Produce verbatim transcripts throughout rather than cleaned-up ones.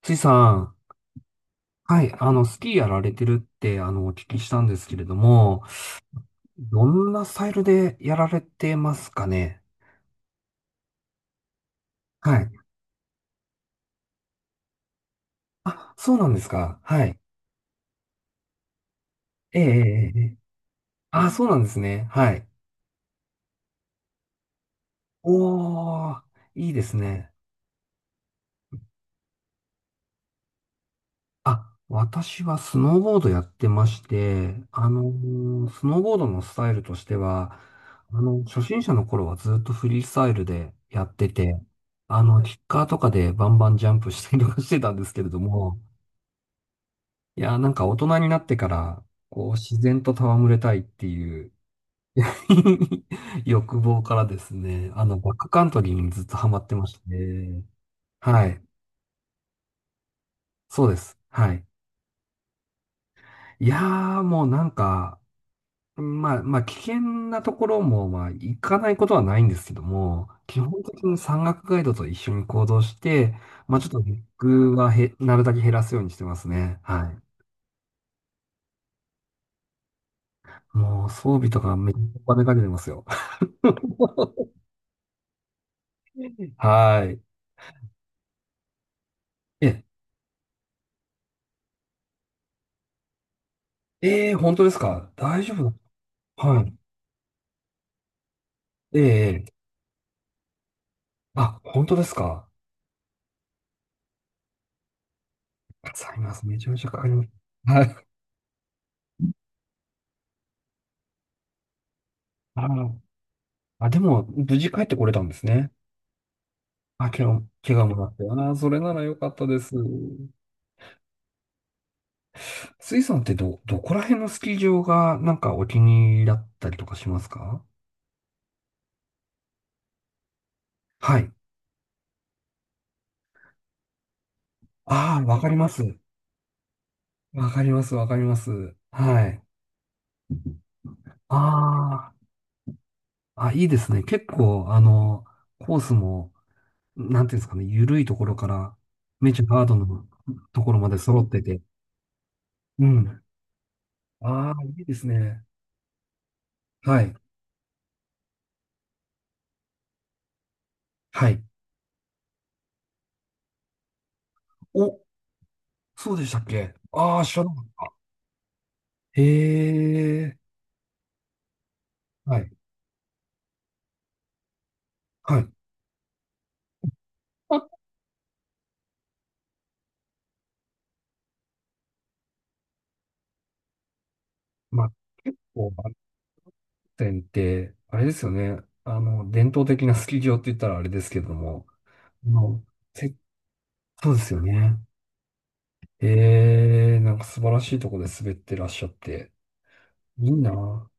ちいさん、はい、あの、スキーやられてるって、あの、お聞きしたんですけれども、どんなスタイルでやられてますかね？はい。あ、そうなんですか。はい。ええ、ええ、ええ。あ、そうなんですね。はい。おー、いいですね。あ、私はスノーボードやってまして、あの、スノーボードのスタイルとしては、あの、初心者の頃はずっとフリースタイルでやってて、あの、キッカーとかでバンバンジャンプしたりとかしてたんですけれども、いや、なんか大人になってから、こう、自然と戯れたいっていう 欲望からですね、あの、バックカントリーにずっとハマってまして、はい、そうです。はい。いやー、もうなんか、まあ、まあ、危険なところも、まあ、行かないことはないんですけども、基本的に山岳ガイドと一緒に行動して、まあ、ちょっとリスクはへ、なるだけ減らすようにしてますね。はい。もう、装備とかめっちゃお金かけてますよ。はい。え、えー、本当ですか？大丈夫？はい。ええ、あ、本当ですか？かかります。めちゃめちゃかかります。はい。あー、あでも、無事帰ってこれたんですね。あ、怪我、怪我もなったよな。それなら良かったです。スイさんってど、どこら辺のスキー場がなんかお気に入りだったりとかしますか？はい。ああ、わかります。わかります、わかります。はい。ああ、あ、いいですね。結構、あの、コースも、なんていうんですかね、緩いところから、めちゃハードのところまで揃ってて。うん。ああ、いいですね。はい。はい。お、そうでしたっけ？ああー、知らなかった。へえ。はいはい。まあ、結構、バンテンって、あれですよね。あの、伝統的なスキー場って言ったらあれですけども、あの、せそうですよね。ええ、なんか素晴らしいとこで滑ってらっしゃって、いいな。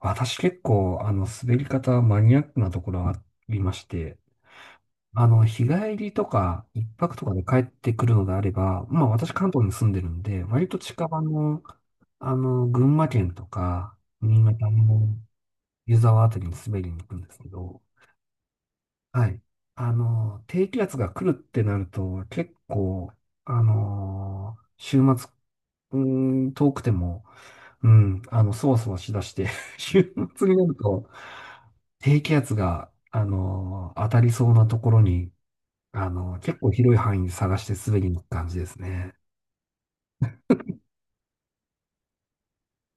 私結構、あの、滑り方マニアックなところがありまして、あの、日帰りとか、一泊とかで帰ってくるのであれば、まあ私関東に住んでるんで、割と近場の、あの、群馬県とか、新潟の湯沢あたりに滑りに行くんですけど、はい。あの、低気圧が来るってなると、結構、あの、週末、うーん、遠くても、うん、あの、そわそわしだして 週末になると、低気圧が、あの、当たりそうなところに、あの、結構広い範囲に探して滑りに行く感じですね。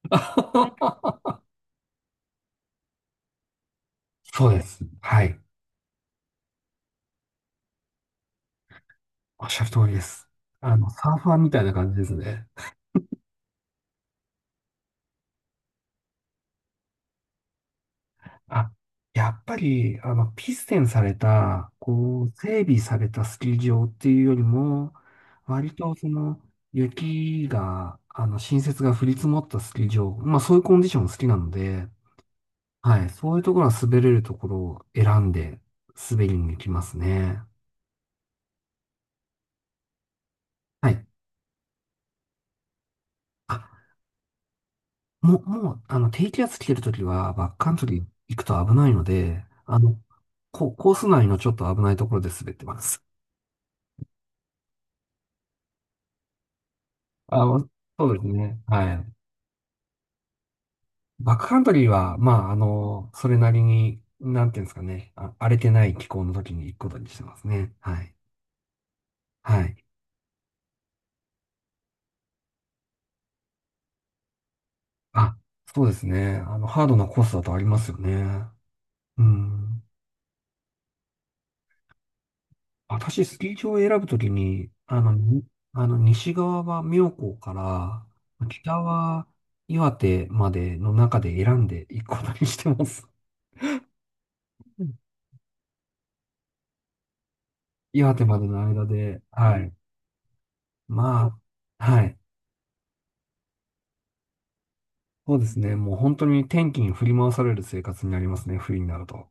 そうです。はい。おっしゃる通りです。あの、サーファーみたいな感じですね。あ、やっぱり、あの、ピステンされた、こう、整備されたスキー場っていうよりも、割とその、雪が、あの、新雪が降り積もったスキー場、まあそういうコンディション好きなので、はい、そういうところは滑れるところを選んで滑りに行きますね。はい。あ、もう、もう、あの、低気圧来てるときは、バックカントリー行くと危ないので、あの、ココース内のちょっと危ないところで滑ってます。あ、そうですね。はい。バックカントリーは、まあ、あの、それなりに、なんていうんですかね、あ、荒れてない気候の時に行くことにしてますね。はい。はい。あ、そうですね。あの、ハードなコースだとありますよね。うん。私、スキー場を選ぶときに、あの、にあの、西側は妙高から、北は岩手までの中で選んでいくことにしてます。うん、岩手までの間で、はい。まあ、はい。そうですね。もう本当に天気に振り回される生活になりますね。冬になると。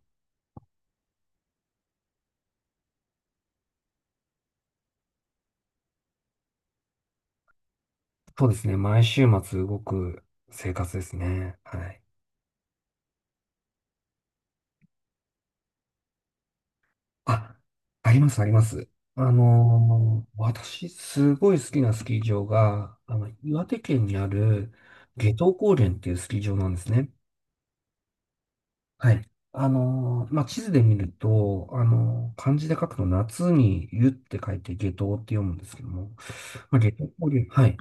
そうですね。毎週末動く生活ですね。はい。あ、あります、あります。あのー私、すごい好きなスキー場が、あの、岩手県にある夏油高原っていうスキー場なんですね。はい。あのーまあ、地図で見ると、あのー漢字で書くと夏に湯って書いて夏油って読むんですけども、まあ、夏油高原、はい。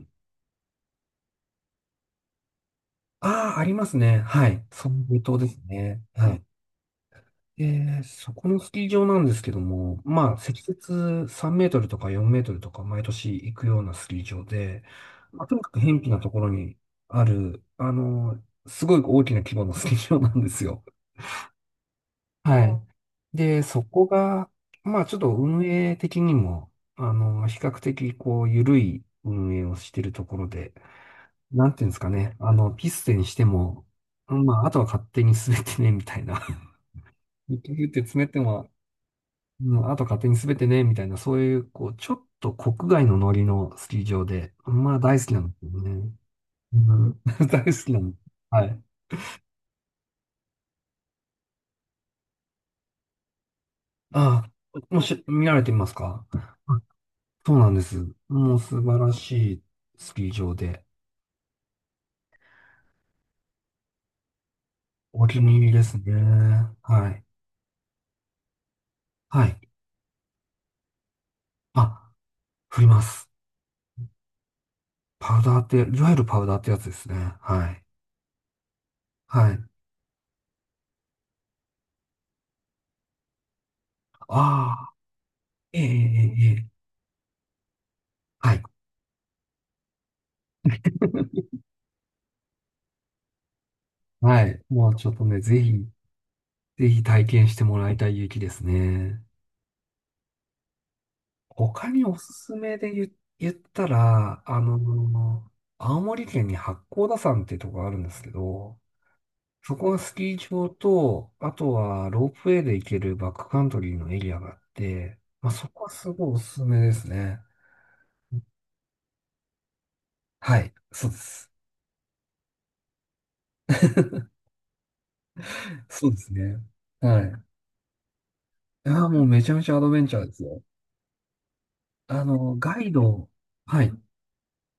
ああ、ありますね。はい。そういう、島ですね。はい。で、そこのスキー場なんですけども、まあ、積雪さんメートルとかよんメートルとか毎年行くようなスキー場で、まあ、とにかく偏僻なところにある、あの、すごい大きな規模のスキー場なんですよ。はい。で、そこが、まあ、ちょっと運営的にも、あの、比較的、こう、緩い運営をしているところで、なんていうんですかね。あの、ピステにしても、うん、まあ、あとは勝手に滑ってね、みたいな。結局って詰めても、うん、あとは勝手に滑ってね、みたいな、そういう、こう、ちょっと国外のノリのスキー場で、まあ、大好きなんですよね。うん、大好きなの。はい。ああ、もし、見られてみますか？あ、そうなんです。もう素晴らしいスキー場で、お気に入りですね。はい。はい。あ、振ります。パウダーって、いわゆるパウダーってやつですね。はい。はい。ああ、ええ、ええ、ええ。はい。はい。もうちょっとね、ぜひ、ぜひ体験してもらいたい雪ですね。他におすすめで言、言ったら、あの、青森県に八甲田山っていうところがあるんですけど、そこはスキー場と、あとはロープウェイで行けるバックカントリーのエリアがあって、まあ、そこはすごいおすすめですね。はい。そうです。そうですね。はい。いやー、もうめちゃめちゃアドベンチャーですよ。あの、ガイド、はい。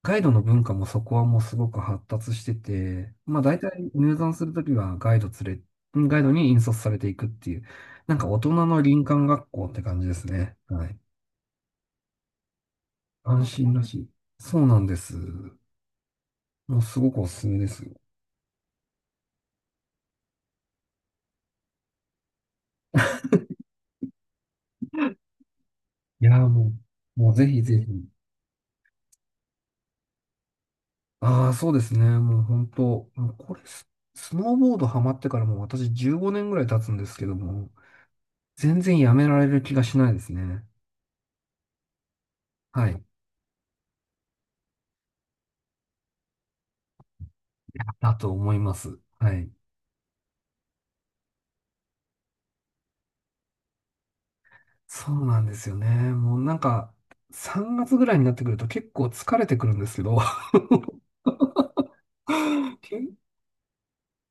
ガイドの文化もそこはもうすごく発達してて、まあ大体入山するときはガイド連れ、んガイドに引率されていくっていう、なんか大人の林間学校って感じですね。はい。安心らしい。そうなんです。もうすごくおすすめですよ。いやー、もう、もうぜひぜひ。ああ、そうですね。もう本当、もうこれス、スノーボードハマってからもう私じゅうごねんぐらい経つんですけども、全然やめられる気がしないですね。はい。だと思います。はい。そうなんですよね。もうなんか、さんがつぐらいになってくると結構疲れてくるんですけど、け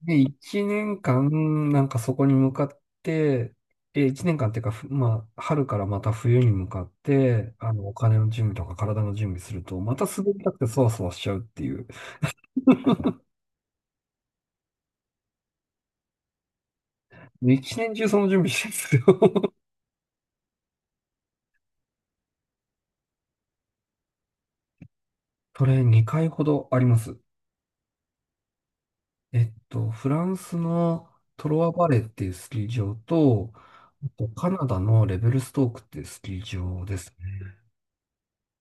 ねいちねんかん、いちねんかんなんかそこに向かって、え、1年間っていうか、ふまあ、春からまた冬に向かって、あの、お金の準備とか体の準備すると、また滑りたくてそわそわしちゃうっていう。一年中その準備してるんですよ。それにかいほどあります。えっと、フランスのトロワバレーっていうスキー場と、あとカナダのレベルストークっていうスキー場ですね。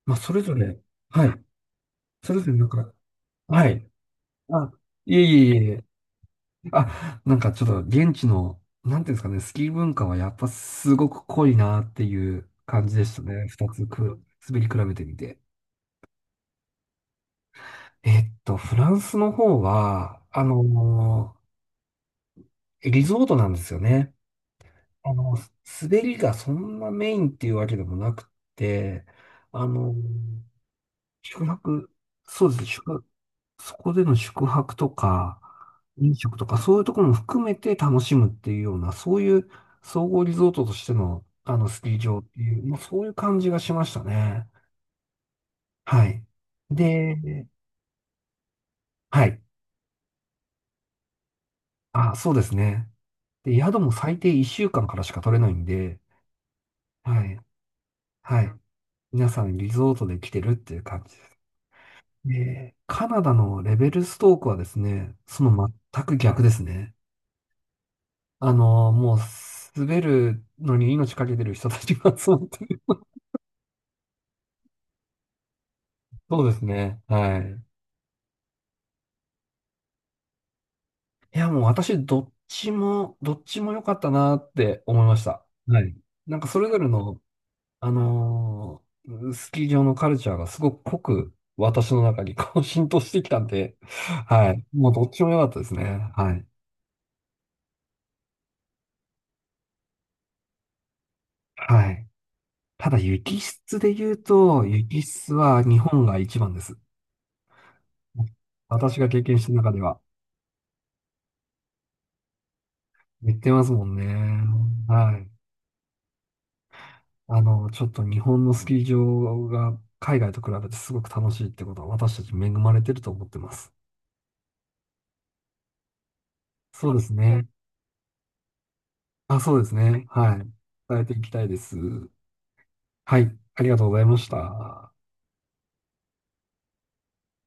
まあ、それぞれ、はい。それぞれなんか、はい。あ、いえいえいえ。あ、なんかちょっと現地の、なんていうんですかね、スキー文化はやっぱすごく濃いなっていう感じでしたね。二つく、滑り比べてみて。えっと、フランスの方は、あのーリゾートなんですよね。あの、滑りがそんなメインっていうわけでもなくて、あの、宿泊、そうですね、宿泊、そこでの宿泊とか、飲食とか、そういうところも含めて楽しむっていうような、そういう総合リゾートとしての、あの、スキー場っていう、まあ、そういう感じがしましたね。はい。で、はい。あ、そうですね。で、宿も最低いっしゅうかんかんからしか取れないんで、はい。はい。皆さんリゾートで来てるっていう感じです。えーカナダのレベルストークはですね、その全く逆ですね。あの、もう滑るのに命かけてる人たちが集まってる。そうですね。はい。いや、もう私、どっちも、どっちも良かったなって思いました。はい。なんかそれぞれの、あのースキー場のカルチャーがすごく濃く私の中にこう浸透してきたんで、はい。もうどっちも良かったですね。はい。はい。ただ雪質で言うと、雪質は日本が一番です。私が経験した中では。言ってますもんね。はい。あの、ちょっと日本のスキー場が海外と比べてすごく楽しいってことは私たち恵まれてると思ってます。そうですね。あ、そうですね。はい。伝えていきたいです。はい。ありがとうございました。